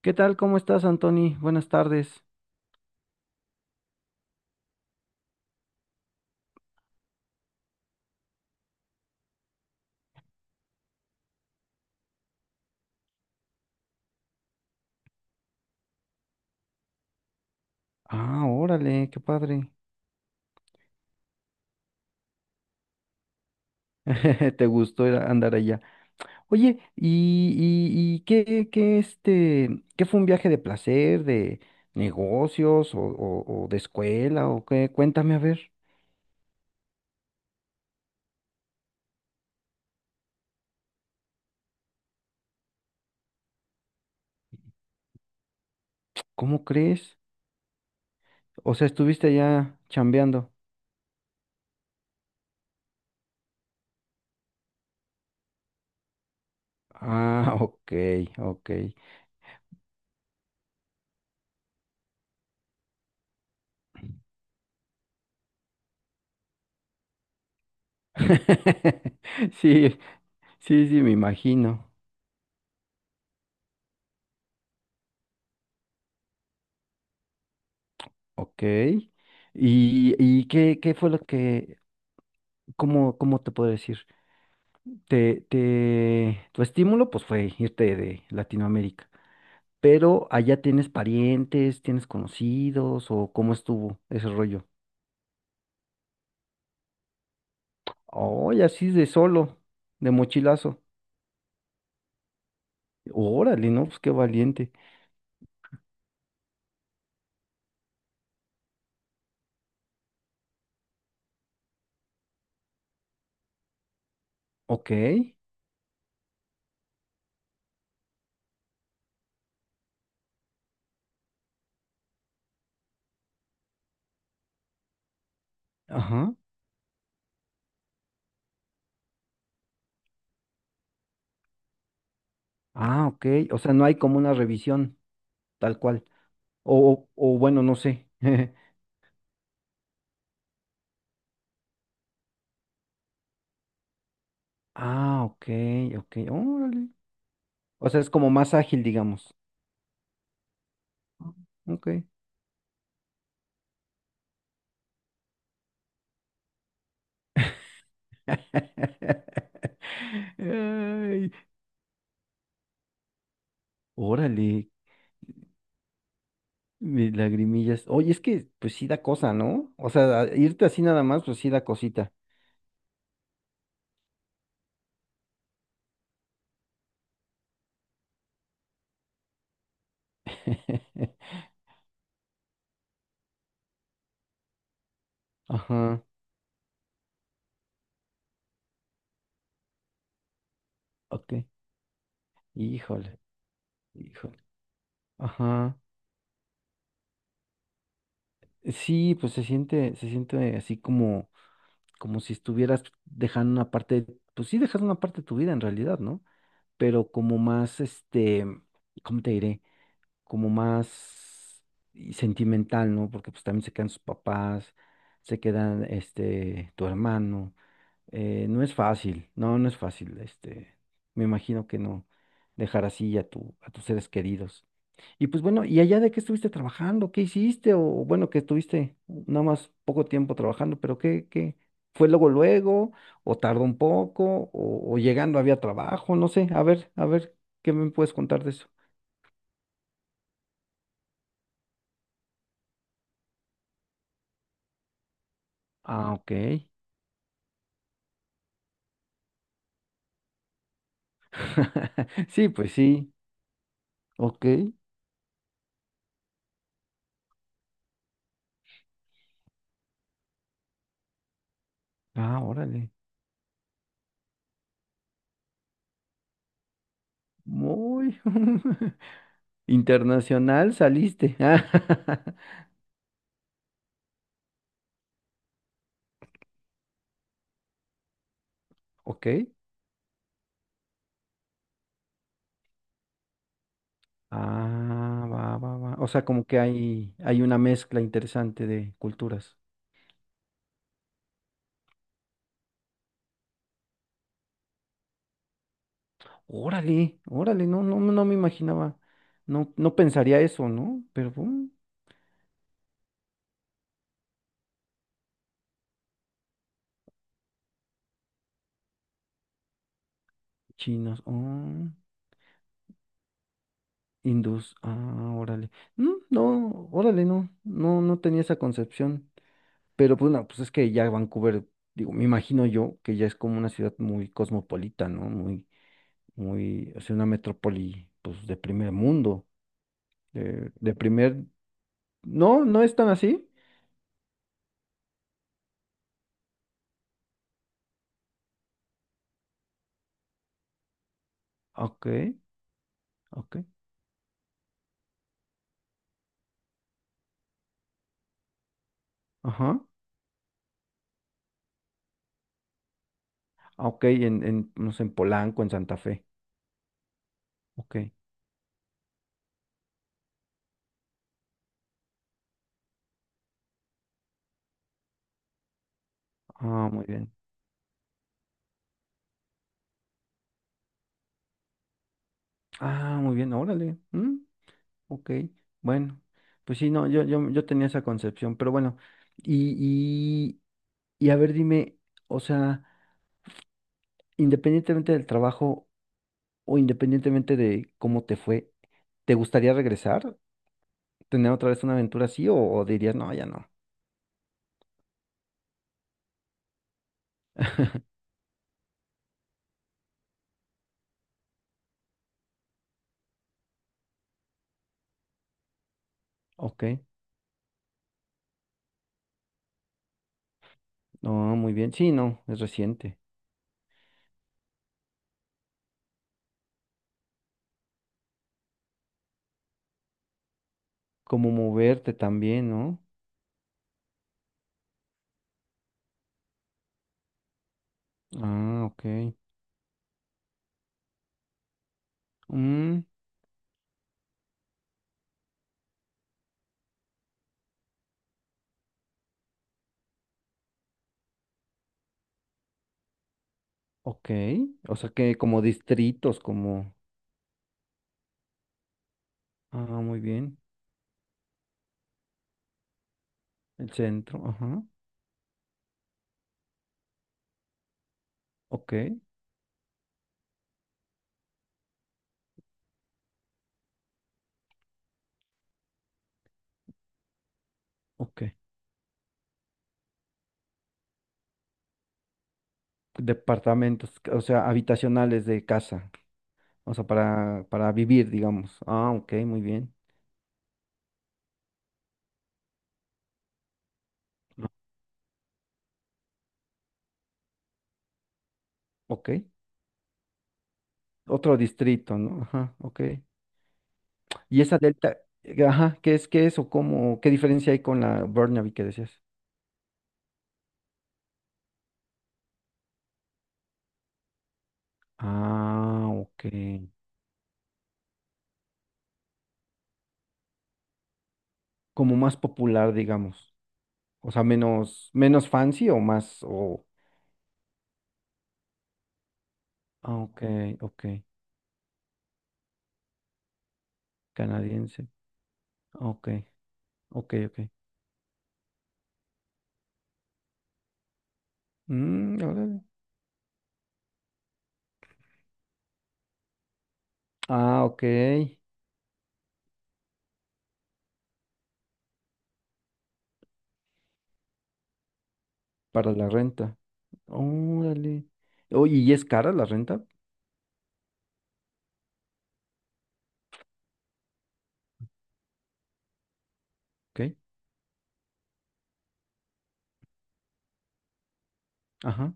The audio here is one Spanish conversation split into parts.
¿Qué tal? ¿Cómo estás, Anthony? Buenas tardes. Ah, órale, qué padre. Te gustó ir andar allá. Oye, ¿y qué fue un viaje de placer, de negocios o de escuela o qué? Cuéntame a ver, ¿cómo crees? O sea, estuviste allá chambeando. Ah, ok, ok. Sí, sí, sí, me imagino. Ok. ¿Y qué fue lo que, cómo te puedo decir? Tu estímulo pues fue irte de Latinoamérica, pero allá tienes parientes, tienes conocidos o cómo estuvo ese rollo. Oye, así de solo, de mochilazo. Órale, ¿no? Pues qué valiente. Ok, ajá. Ah, ok. O sea, no hay como una revisión tal cual. O bueno, no sé. Ah, ok, ok. Órale. O sea, es como más ágil, digamos. Ok. Ay, órale, lagrimillas. Oye, es que pues sí da cosa, ¿no? O sea, irte así nada más, pues sí da cosita. Ajá, ok. Híjole, híjole. Ajá. Sí, pues se siente así como si estuvieras dejando una parte, pues sí dejas una parte de tu vida en realidad, ¿no? Pero como más, ¿cómo te diré? Como más y sentimental, ¿no? Porque pues también se quedan sus papás, se quedan, tu hermano. No es fácil, no, no es fácil, me imagino que no dejar así a tus seres queridos. Y pues bueno, ¿y allá de qué estuviste trabajando? ¿Qué hiciste? O bueno, que estuviste nada más poco tiempo trabajando, pero ¿qué? ¿Fue luego luego? ¿O tardó un poco? ¿O llegando había trabajo? No sé, a ver, ¿qué me puedes contar de eso? Ah, ok. Sí, pues sí, ok. Ah, órale. Muy internacional saliste. Ok. Ah, va, va, va. O sea, como que hay una mezcla interesante de culturas. Órale, órale, no, no, no me imaginaba. No, no pensaría eso, ¿no? Pero chinos, oh, hindús, ah, órale. Mm, no, órale, no, no, no tenía esa concepción. Pero pues no, pues es que ya Vancouver, digo, me imagino yo que ya es como una ciudad muy cosmopolita, ¿no? Muy, muy, o sea, una metrópoli, pues, de primer mundo, de primer. No, no es tan así. Ok, ok, ajá. Ah, ok, en, no sé, en Polanco, en Santa Fe. Ok, ah, muy bien. Ah, muy bien, órale. Ok, bueno, pues sí, no, yo tenía esa concepción, pero bueno, y, y, y a ver, dime, o sea, independientemente del trabajo o independientemente de cómo te fue, ¿te gustaría regresar? ¿Tener otra vez una aventura así o dirías, no, ya no? Ok, no, muy bien, sí, no, es reciente. Como moverte también, ¿no? Ah, ok. Mm, ok. O sea que como distritos, como. Ah, muy bien. El centro, ajá. Ok, ok. Departamentos, o sea, habitacionales de casa. O sea, para vivir, digamos. Ah, ok, muy bien. Ah, ok. Otro distrito, ¿no? Ajá, ok. Y esa delta, ajá, ¿qué es o cómo, qué diferencia hay con la Burnaby que decías? Ah, ok. Como más popular, digamos. O sea, menos fancy o más, o. Ah, ok, ok, canadiense. Ok, ok, ok. Mm, órale. Ah, ok, para la renta. Órale. Oye, ¿y es cara la renta? Ok, ajá.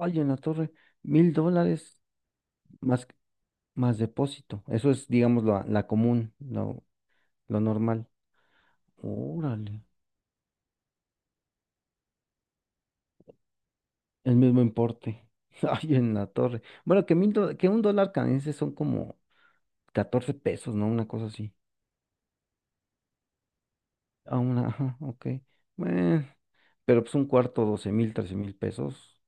Ay, en la torre, 1,000 dólares más, más depósito. Eso es, digamos, la común, lo normal. Órale, el mismo importe. Ay, en la torre. Bueno, que un dólar canadiense son como 14 pesos, ¿no? Una cosa así. A una, ajá, ok. Bueno, pero pues un cuarto, 12,000, 13,000 pesos.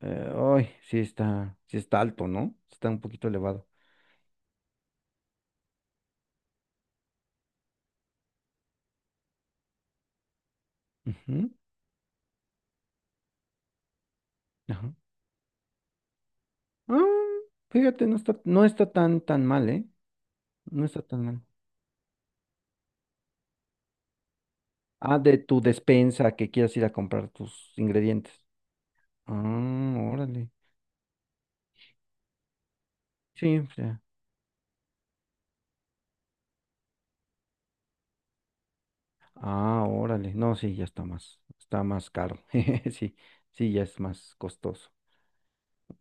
Ay, sí está alto, ¿no? Está un poquito elevado. Ujú, ajá. Ah, fíjate, no está tan, tan mal, ¿eh? No está tan mal. Ah, de tu despensa que quieras ir a comprar tus ingredientes. Ah, órale. Sí, o sea, ah, órale. No, sí, ya está más caro. Sí, sí, ya es más costoso.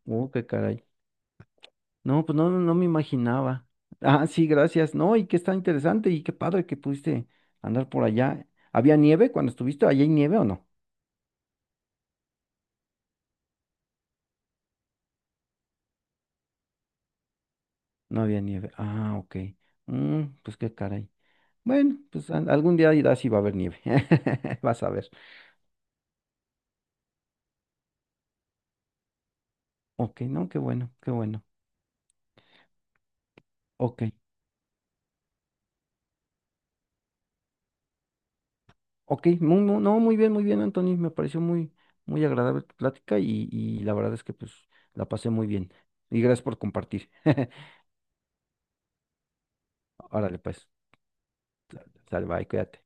Qué caray. No, pues no, no me imaginaba. Ah, sí, gracias. No, y que está interesante y qué padre que pudiste andar por allá. ¿Había nieve cuando estuviste? ¿Allá hay nieve o no? No había nieve. Ah, ok. Pues qué caray. Bueno, pues algún día irás y va a haber nieve. Vas a ver. Ok, no, qué bueno, qué bueno. Ok, ok, no, muy bien, Anthony. Me pareció muy, muy agradable tu plática y la verdad es que pues la pasé muy bien. Y gracias por compartir. Órale, pues, sale, bye, cuídate.